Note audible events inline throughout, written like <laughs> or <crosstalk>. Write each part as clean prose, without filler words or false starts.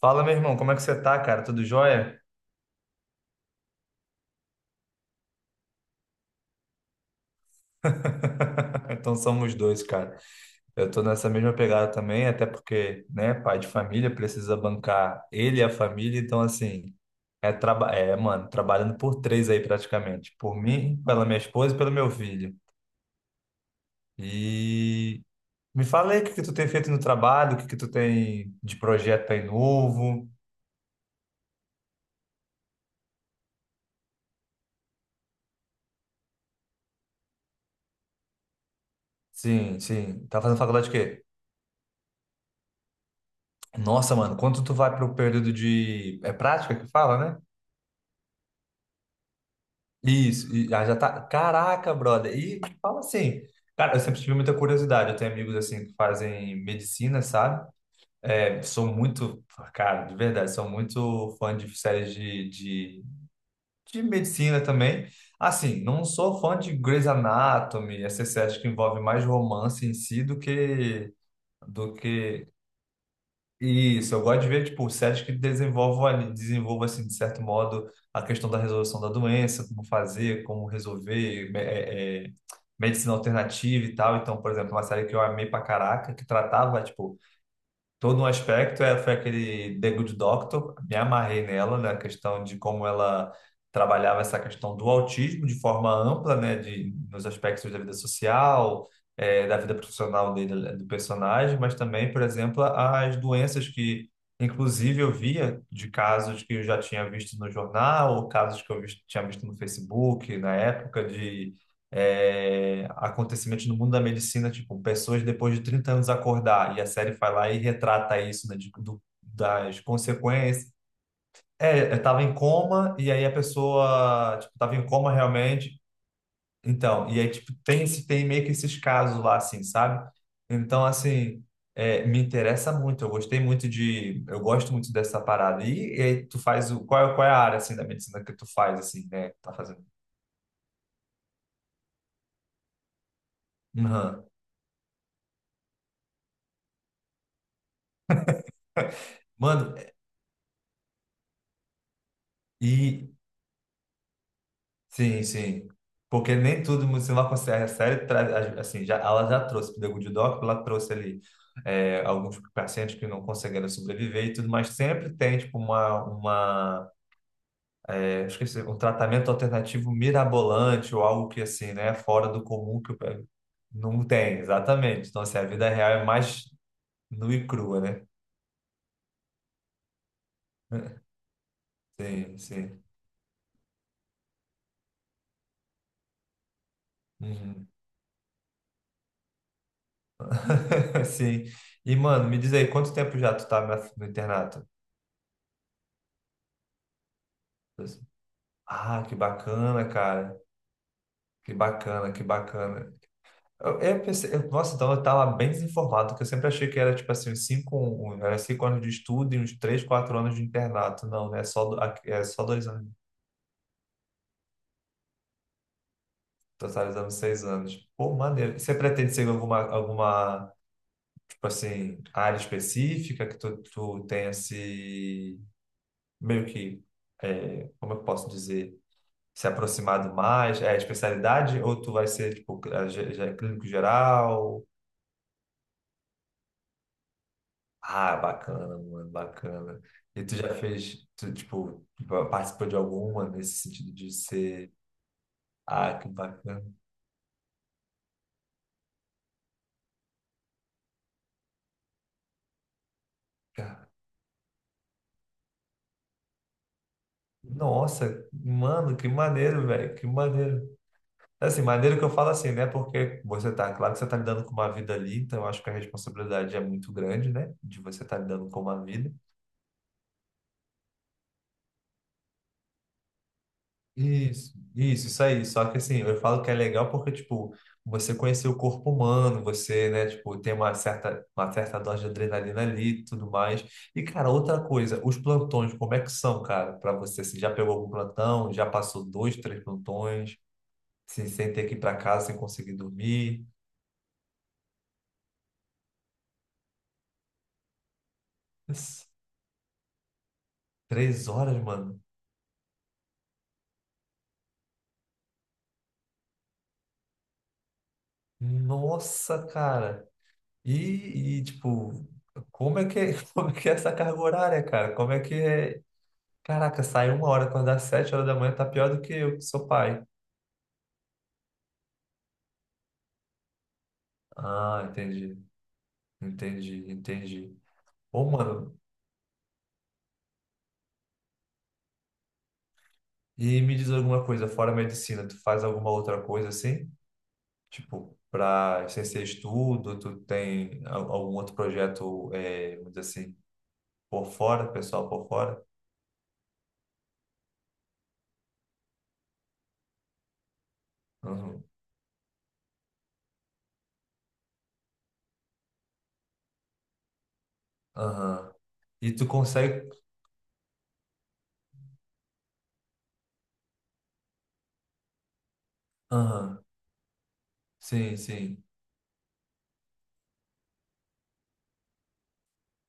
Fala, meu irmão, como é que você tá, cara? Tudo jóia? <laughs> Então somos dois, cara. Eu tô nessa mesma pegada também, até porque, né, pai de família precisa bancar ele e a família, então assim, mano, trabalhando por três aí praticamente, por mim, pela minha esposa e pelo meu filho. E me fala aí o que que tu tem feito no trabalho, o que que tu tem de projeto aí novo. Sim, sim. Tá fazendo faculdade de quê? Nossa, mano, quanto tu vai pro período de. É prática que fala, né? Isso, e ah, já tá. Caraca, brother. E fala assim, cara, eu sempre tive muita curiosidade. Eu tenho amigos assim que fazem medicina, sabe? É, sou muito, cara, de verdade, sou muito fã de séries de medicina também. Assim, não sou fã de Grey's Anatomy, essas séries que envolvem mais romance em si do que do que isso. Eu gosto de ver, tipo, séries que desenvolvam, assim, de certo modo, a questão da resolução da doença, como fazer, como resolver, medicina alternativa e tal. Então, por exemplo, uma série que eu amei pra caraca, que tratava, tipo, todo um aspecto foi aquele The Good Doctor. Me amarrei nela, né, a questão de como ela trabalhava essa questão do autismo de forma ampla, né, de, nos aspectos da vida social, da vida profissional dele, do personagem, mas também, por exemplo, as doenças que, inclusive, eu via, de casos que eu já tinha visto no jornal, ou casos que eu tinha visto no Facebook, na época de acontecimentos no mundo da medicina, tipo, pessoas depois de 30 anos acordar, e a série vai lá e retrata isso, né, das consequências. É, eu tava em coma, e aí a pessoa, tipo, tava em coma realmente, então, e aí, tipo, tem, tem meio que esses casos lá, assim, sabe? Então, assim, me interessa muito, eu gostei muito de, eu gosto muito dessa parada. E aí tu faz qual é a área, assim, da medicina que tu faz, assim, né, que tu tá fazendo? Aham. <laughs> Mano. e Sim, sim. Porque nem tudo você não consegue. A série traz, assim, já, ela já trouxe para o The Good Doctor, ela trouxe ali alguns pacientes que não conseguiram sobreviver e tudo, mas sempre tem tipo uma esqueci, um tratamento alternativo mirabolante ou algo que assim, né, fora do comum não tem, exatamente. Então, assim, a vida real é mais nua e crua, né? <laughs> Sim, sim. Uhum. <laughs> Sim. E, mano, me diz aí, quanto tempo já tu tá no internato? Ah, que bacana, cara. Que bacana, que bacana. Eu pensei, nossa, então eu estava bem desinformado, porque eu sempre achei que era tipo assim, uns cinco, era cinco anos de estudo e uns três, quatro anos de internato. Não, né? É só, é só dois anos, totalizando seis anos. Pô, maneiro. Você pretende seguir tipo assim, área específica que tu tenha se, meio que, como eu posso dizer, se aproximado mais? É especialidade ou tu vai ser, tipo, clínico geral? Ah, bacana, mano, bacana. E tu já fez, tu, tipo, participou de alguma nesse sentido de ser. Ah, que bacana, cara. Nossa, mano, que maneiro, velho, que maneiro. Assim, maneiro que eu falo assim, né? Porque você tá, claro que você tá lidando com uma vida ali, então eu acho que a responsabilidade é muito grande, né? De você estar lidando com uma vida. Isso aí. Só que assim, eu falo que é legal porque, tipo, você conhecer o corpo humano, você, né, tipo, tem uma certa dose de adrenalina ali e tudo mais. E, cara, outra coisa, os plantões, como é que são, cara, pra você? Assim, já pegou algum plantão? Já passou dois, três plantões? Assim, sem ter que ir pra casa, sem conseguir dormir? Isso. Três horas, mano. Nossa, cara. E, tipo, <laughs> como é que é essa carga horária, cara? Como é que é. Caraca, sai uma hora, acordar às sete horas da manhã tá pior do que eu, que sou pai. Ah, entendi, entendi, entendi. Ô, mano, e me diz alguma coisa, fora a medicina, tu faz alguma outra coisa assim? Tipo, pra, sem ser estudo, tu tem algum outro projeto, é, vamos dizer assim, por fora, pessoal por fora? Uhum. Aham. E tu consegue. Aham, sim, sim.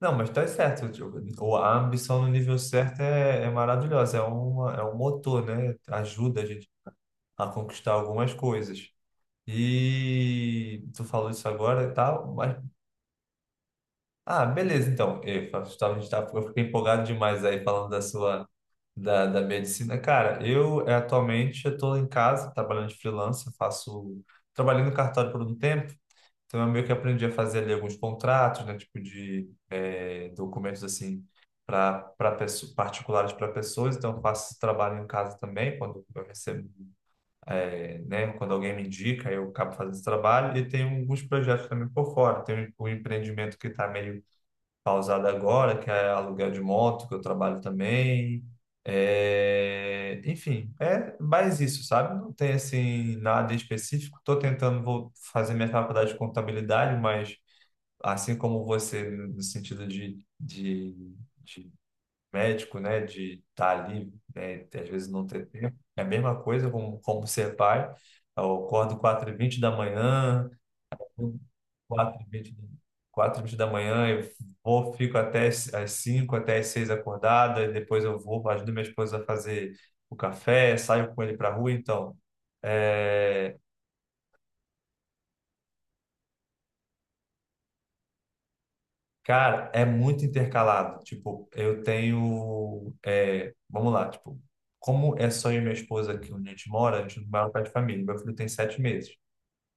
Não, mas tá certo. Tipo, A ambição no nível certo é, é maravilhosa, é, uma, é um motor, né? Ajuda a gente a conquistar algumas coisas. E tu falou isso agora e tal, mas. Ah, beleza, então. Eu, tava- a gente tá- eu fiquei empolgado demais aí falando da sua. Da medicina. Cara, eu atualmente eu tô em casa, trabalhando de freelancer, faço. Trabalhei no cartório por um tempo, então eu meio que aprendi a fazer ali alguns contratos, né? Tipo de documentos assim, para particulares, para pessoas, então eu faço esse trabalho em casa também, quando eu recebo né? Quando alguém me indica, eu acabo fazendo esse trabalho, e tem alguns projetos também por fora. Tem um empreendimento que está meio pausado agora, que é aluguel de moto, que eu trabalho também. É, enfim, é mais isso, sabe? Não tem assim nada específico. Estou tentando, vou fazer minha faculdade de contabilidade, mas assim como você, no sentido de médico, né, de estar ali, né, às vezes não ter tempo. É a mesma coisa como, como ser pai. Eu acordo 4h20 da manhã, quatro e vinte, quatro e vinte da manhã, eu vou, fico até as 5, até as 6 acordado, e depois eu vou, ajudo minha esposa a fazer o café, saio com ele para a rua, então. É. Cara, é muito intercalado. Tipo, eu tenho. É, vamos lá, tipo, como é só eu e minha esposa aqui onde a gente mora, a gente não mora perto de família. Meu filho tem sete meses.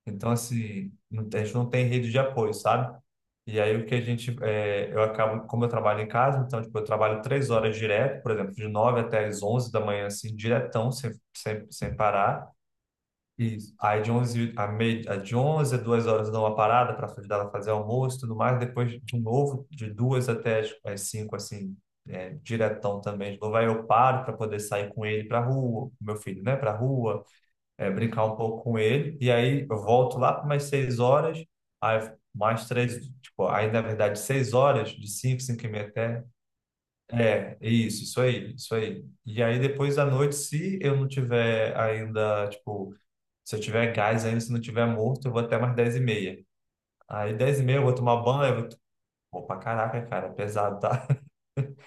Então, assim, a gente não tem rede de apoio, sabe? E aí o que a gente. Eu acabo, como eu trabalho em casa, então, tipo, eu trabalho três horas direto, por exemplo, de nove até as onze da manhã, assim, diretão, sem, parar. Isso. Aí de 11 a meia, a de 11 a 2 horas eu dou uma parada para ajudar ela a fazer almoço e tudo mais. Depois, de novo, de 2 até as 5 assim, é, diretão também. De novo, aí eu paro para poder sair com ele para rua, com meu filho, né, para rua, é, brincar um pouco com ele. E aí eu volto lá para umas 6 horas, aí mais três, tipo, aí na verdade 6 horas, de 5 e meia até. É, isso aí, isso aí. E aí depois à noite, se eu não tiver ainda, tipo, se eu tiver gás ainda, se não tiver morto, eu vou até mais 10 e meia. Aí 10 e meia eu vou tomar banho, eu vou. Pô, pra caraca, cara, é pesado, tá?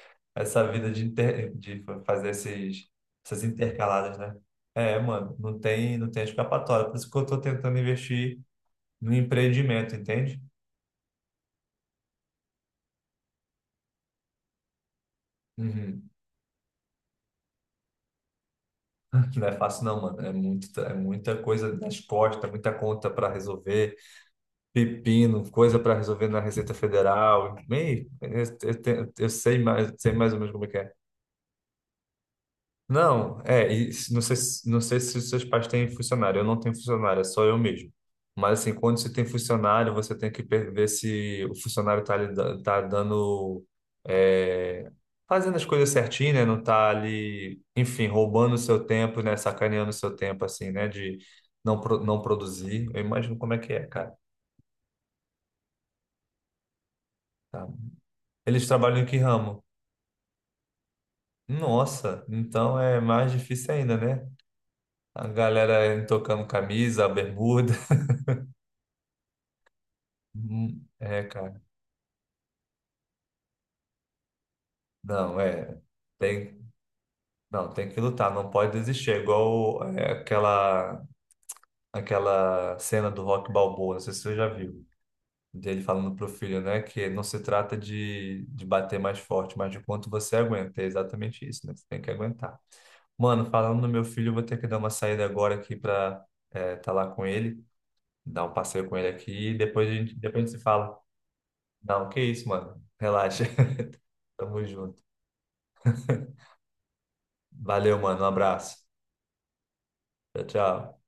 <laughs> Essa vida de, inter. De fazer esses. Essas intercaladas, né? É, mano, não tem escapatória. Por isso que eu tô tentando investir no empreendimento, entende? Uhum. <laughs> Não é fácil, não, mano. É muito, é muita coisa nas costas, muita conta para resolver, pepino, coisa para resolver na Receita Federal. Meio, eu sei mais, ou menos como é que é. Não, é, não sei, não sei se os seus pais têm funcionário. Eu não tenho funcionário, é só eu mesmo. Mas assim, quando você tem funcionário, você tem que ver se o funcionário está tá lhe tá dando, é, fazendo as coisas certinho, né? Não tá ali, enfim, roubando o seu tempo, né? Sacaneando o seu tempo, assim, né? De não produzir. Eu imagino como é que é, cara. Tá. Eles trabalham em que ramo? Nossa, então é mais difícil ainda, né? A galera tocando camisa, bermuda. É, cara. Não, é. Tem. Não, tem que lutar, não pode desistir. É igual, é, aquela, aquela cena do Rock Balboa, não sei se você já viu, dele falando pro filho, né? Que não se trata de bater mais forte, mas de quanto você aguenta. É exatamente isso, né? Você tem que aguentar. Mano, falando do meu filho, eu vou ter que dar uma saída agora aqui pra tá lá com ele, dar um passeio com ele aqui, e depois a gente se fala. Não, que isso, mano. Relaxa. <laughs> Tamo junto. Valeu, mano. Um abraço. Tchau, tchau.